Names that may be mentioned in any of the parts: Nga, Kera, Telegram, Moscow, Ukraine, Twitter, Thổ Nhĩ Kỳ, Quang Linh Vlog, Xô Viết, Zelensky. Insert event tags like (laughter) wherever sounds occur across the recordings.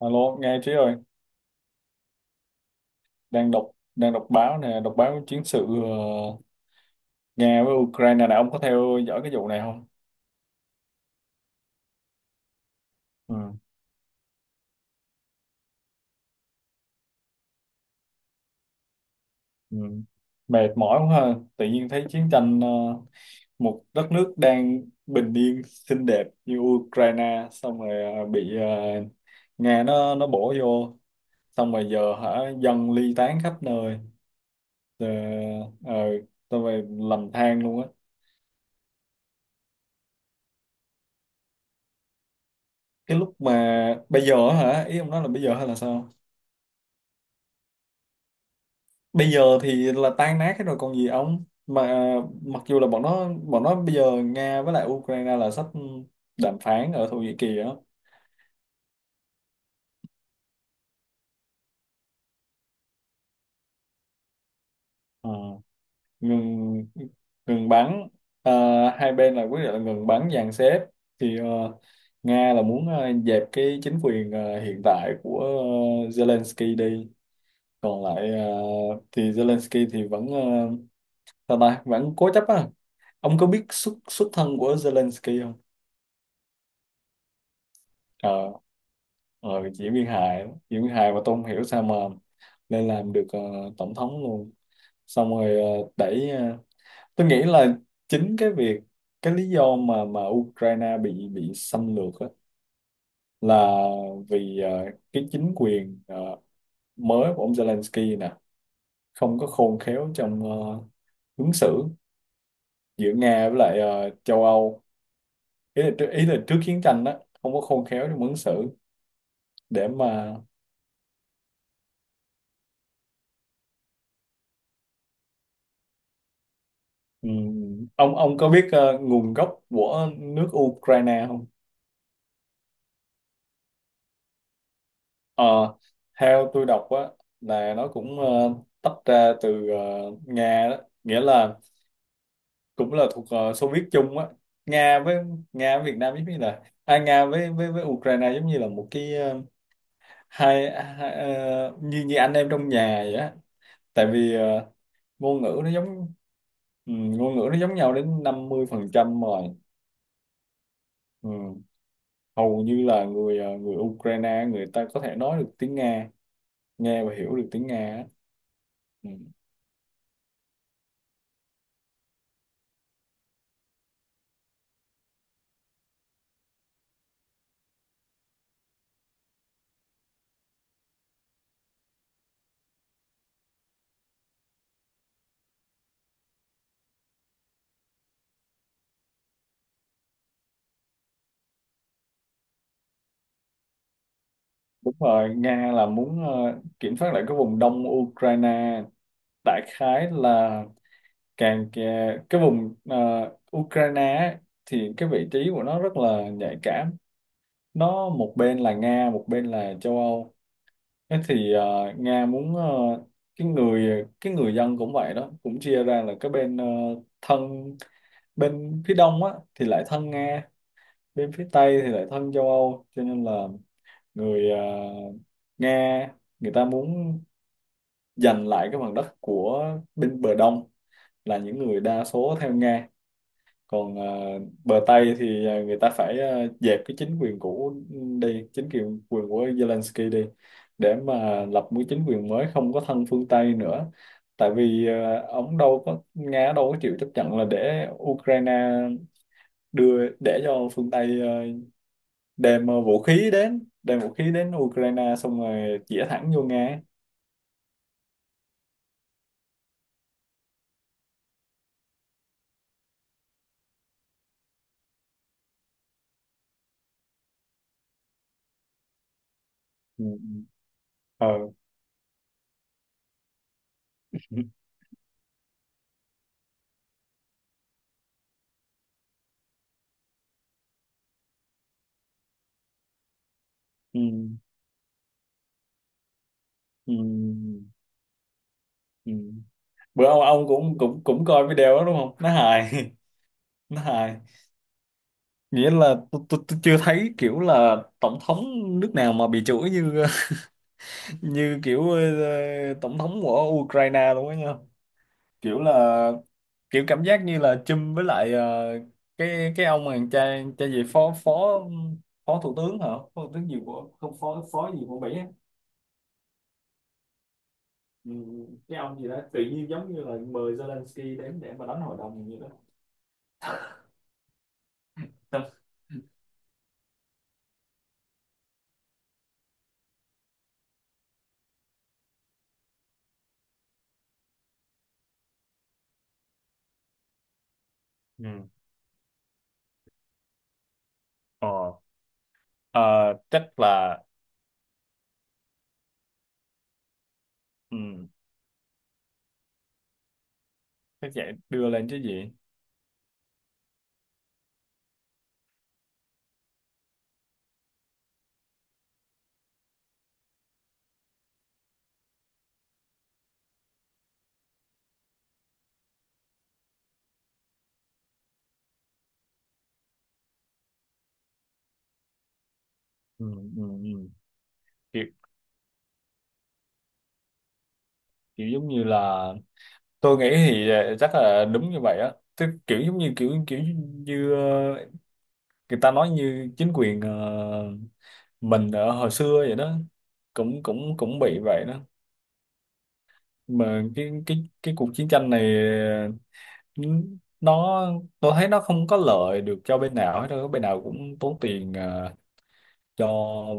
Alo, nghe Trí ơi, đang đọc đang đọc báo nè, đọc báo chiến sự, Nga với Ukraine nè. Ông có theo dõi cái vụ này không? Ừ, ừ. Mệt mỏi quá ha, tự nhiên thấy chiến tranh, một đất nước đang bình yên xinh đẹp như Ukraine xong rồi bị, Nga nó bổ vô, xong rồi giờ hả, dân ly tán khắp nơi. Ờ, ờ, xong rồi lầm than luôn á. Cái lúc mà bây giờ á hả, ý ông nói là bây giờ hay là sao? Bây giờ thì là tan nát hết rồi còn gì ông, mà mặc dù là bọn nó bây giờ Nga với lại Ukraine là sắp đàm phán ở Thổ Nhĩ Kỳ á. Ờ, ngừng ngừng bắn. Ờ, hai bên là quyết định là ngừng bắn dàn xếp, thì Nga là muốn dẹp cái chính quyền hiện tại của Zelensky đi, còn lại thì Zelensky thì vẫn sao ta, vẫn cố chấp á. Ông có biết xuất xuất thân của Zelensky không? Ờ, ờ, Diễm Viên Hải, Diễm Viên Hải, mà tôi không hiểu sao mà lên làm được tổng thống luôn, xong rồi đẩy, tôi nghĩ là chính cái việc, cái lý do mà Ukraine bị xâm lược á, là vì cái chính quyền mới của ông Zelensky nè không có khôn khéo trong ứng xử giữa Nga với lại châu Âu. Ý là, ý là trước chiến tranh đó không có khôn khéo trong ứng xử để mà… Ừ. Ông có biết nguồn gốc của nước Ukraine không? Ờ, theo tôi đọc á, là nó cũng tách ra từ Nga đó, nghĩa là cũng là thuộc Xô Viết chung á. Nga với Nga với Việt Nam giống như là à, Nga với Ukraine giống như là một cái hai, như như anh em trong nhà vậy á. Tại vì ngôn ngữ nó giống ừ, ngôn ngữ nó giống nhau đến 50% rồi. Ừ. Hầu như là người Ukraine người ta có thể nói được tiếng Nga, nghe và hiểu được tiếng Nga á. Ừ. Đúng rồi, Nga là muốn kiểm soát lại cái vùng đông Ukraine, đại khái là cái vùng Ukraine á, thì cái vị trí của nó rất là nhạy cảm, nó một bên là Nga một bên là châu Âu. Thế thì Nga muốn cái người dân cũng vậy đó cũng chia ra là cái bên thân, bên phía đông á thì lại thân Nga, bên phía Tây thì lại thân châu Âu, cho nên là người, à, Nga, người ta muốn giành lại cái phần đất của bên bờ Đông, là những người đa số theo Nga. Còn à, bờ Tây thì à, người ta phải à, dẹp cái chính quyền cũ đi, chính quyền quyền của Zelensky đi, để mà lập một chính quyền mới không có thân phương Tây nữa. Tại vì à, ông đâu có, Nga đâu có chịu chấp nhận là để Ukraine đưa, để cho phương Tây đem vũ khí đến Ukraine xong rồi chĩa thẳng vô Nga ấy. Ừ. Ừ. Ờ. Ừ. Ừ. Ừ. Bữa ông cũng cũng cũng coi video đó đúng không, nó hài. (laughs) Nó hài, nghĩa là tôi chưa thấy kiểu là tổng thống nước nào mà bị chửi như (laughs) như kiểu tổng thống của Ukraine luôn á nha. Kiểu là, kiểu cảm giác như là chum với lại cái ông mà cha cha gì, phó phó phó thủ tướng hả, phó thủ tướng gì của, không, phó phó gì của Mỹ á. Ừ, cái ông gì đó tự nhiên giống như là mời Zelensky đến để mà đánh hội đồng gì đó. (laughs) Xong. Ừ. Ờ, ờ, chắc là, ừ, chắc vậy, đưa lên chứ gì. Ừ, ừ, ừ. Kiểu, kiểu giống như là tôi nghĩ thì chắc là đúng như vậy á, tức kiểu giống như kiểu kiểu như người ta nói, như chính quyền mình ở hồi xưa vậy đó, cũng cũng cũng bị vậy đó. Mà cái cuộc chiến tranh này, ừ, nó tôi thấy nó không có lợi được cho bên nào hết đâu, bên nào cũng tốn tiền cho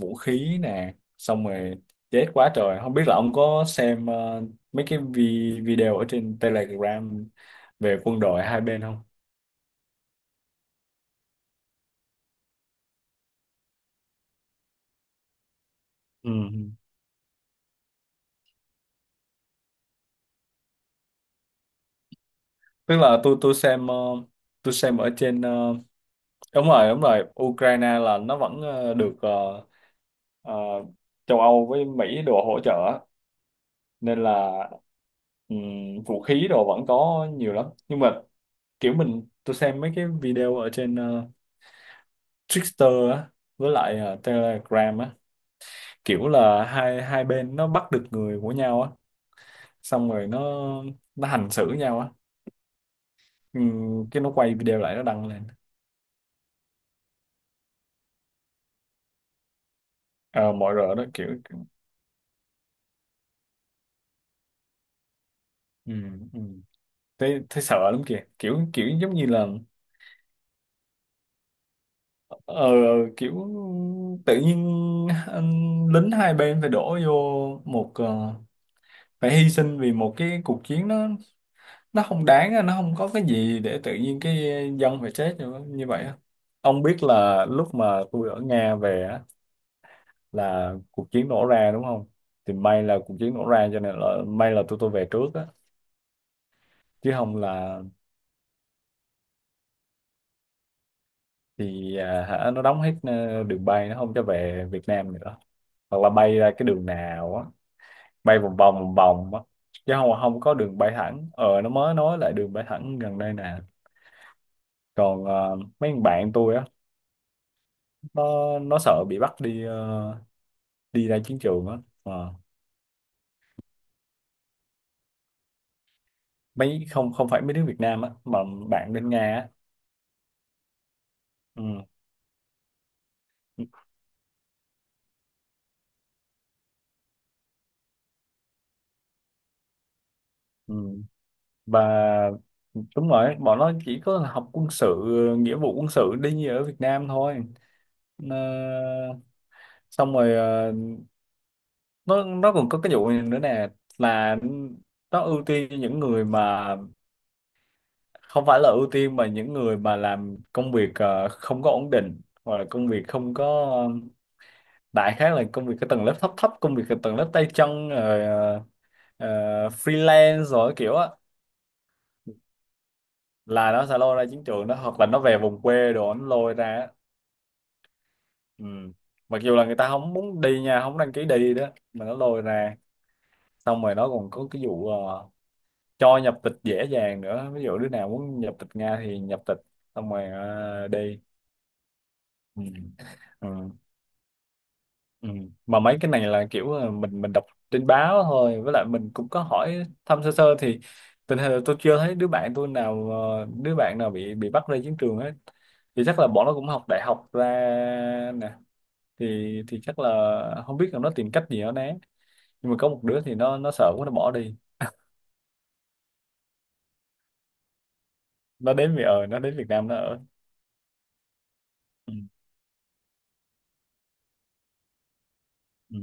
vũ khí nè, xong rồi chết quá trời. Không biết là ông có xem mấy cái video ở trên Telegram về quân đội hai bên không? Ừ. Tức là tôi xem ở trên, đúng rồi, đúng rồi, Ukraine là nó vẫn được, ờ, châu Âu với Mỹ đồ hỗ trợ á, nên là vũ khí đồ vẫn có nhiều lắm, nhưng mà kiểu tôi xem mấy cái video ở trên Twitter á với lại Telegram á, kiểu là hai hai bên nó bắt được người của nhau á, xong rồi nó hành xử nhau á. Cái nó quay video lại nó đăng lên. Ờ, mọi người đó kiểu, ừm, ừm. thấy thấy sợ lắm kìa, kiểu kiểu giống như là ờ, kiểu tự nhiên lính hai bên phải đổ vô một, phải hy sinh vì một cái cuộc chiến. Nó không đáng á, nó không có cái gì để tự nhiên cái dân phải chết như như vậy á. Ông biết là lúc mà tôi ở Nga về á, là cuộc chiến nổ ra đúng không? Thì may là cuộc chiến nổ ra cho nên là may là tôi về trước á, chứ không là thì à, hả, nó đóng hết đường bay, nó không cho về Việt Nam nữa, hoặc là bay ra cái đường nào á, bay vòng vòng vòng vòng á, chứ không không có đường bay thẳng. Ờ, nó mới nói lại đường bay thẳng gần đây nè. Còn mấy thằng bạn tôi á, nó nó sợ bị bắt đi đi ra chiến trường á. Ờ. Mấy, không không phải mấy đứa Việt Nam á, mà bạn bên Nga á. Ừ. Ừ. Và đúng rồi, bọn nó chỉ có học quân sự, nghĩa vụ quân sự đi như ở Việt Nam thôi. Ờ, xong rồi nó còn có cái vụ này nữa nè, là nó ưu tiên cho những người mà, không phải là ưu tiên mà những người mà làm công việc không có ổn định, hoặc là công việc không có ờ, đại khái là công việc cái tầng lớp thấp thấp, công việc cái tầng lớp tay chân rồi ờ, freelance rồi kiểu á, là nó sẽ lôi ra chiến trường đó, hoặc là nó về vùng quê đồ nó lôi ra á. Ừ. Mặc dù là người ta không muốn đi nha, không đăng ký đi đó mà nó lôi ra. Xong rồi nó còn có cái vụ cho nhập tịch dễ dàng nữa, ví dụ đứa nào muốn nhập tịch Nga thì nhập tịch xong rồi đi. Ừ. Ừ. Ừ. Mà mấy cái này là kiểu là mình đọc trên báo thôi, với lại mình cũng có hỏi thăm sơ sơ, thì tình hình là tôi chưa thấy đứa bạn nào bị bắt ra chiến trường hết, thì chắc là bọn nó cũng học đại học ra nè, thì chắc là không biết là nó tìm cách gì nó né. Nhưng mà có một đứa thì nó sợ quá nó bỏ đi, nó đến Việt Nam nó ở. Ừ. Ừ.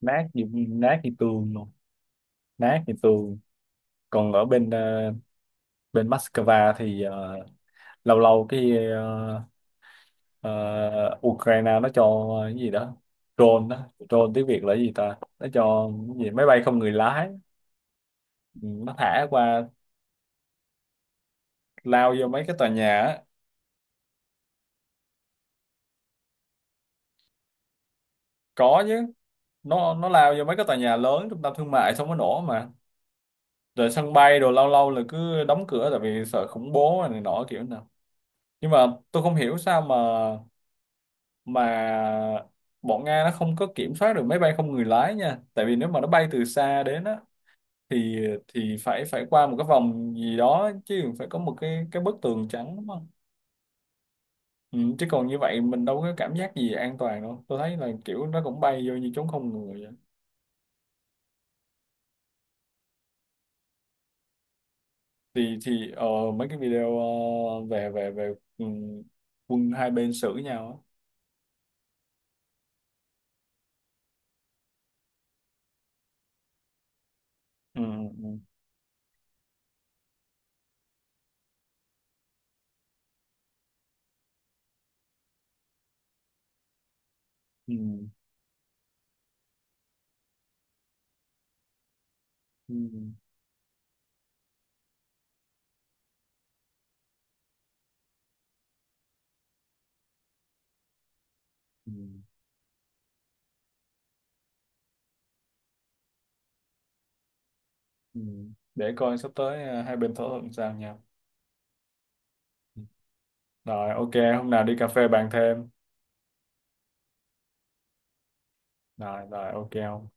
nát như nát như tường luôn, nát như tường. Còn ở bên Moscow thì lâu lâu cái ờ, Ukraine nó cho cái gì đó, drone tiếng Việt là cái gì ta, nó cho cái gì, máy bay không người lái. Ừ, nó thả qua, lao vô mấy cái tòa nhà á. Có chứ, nó lao vô mấy cái tòa nhà lớn, trung tâm thương mại xong nó nổ mà, rồi sân bay, rồi lâu lâu là cứ đóng cửa tại vì sợ khủng bố này nọ kiểu nào. Nhưng mà tôi không hiểu sao mà mà bọn Nga nó không có kiểm soát được máy bay không người lái nha, tại vì nếu mà nó bay từ xa đến á, thì phải phải qua một cái vòng gì đó chứ, phải có một cái bức tường trắng, đúng không? Ừ, chứ còn như vậy mình đâu có cảm giác gì an toàn đâu, tôi thấy là kiểu nó cũng bay vô như trốn không người vậy. Thì mấy cái video về về về ừ, quân hai bên xử nhau á. Ừ, ừ, ừ, ừ, ừ. Ừ. Để coi sắp tới hai bên thỏa thuận sao nhau. Ừ. Rồi ok, hôm nào đi cà phê bàn thêm. Rồi rồi, ok không?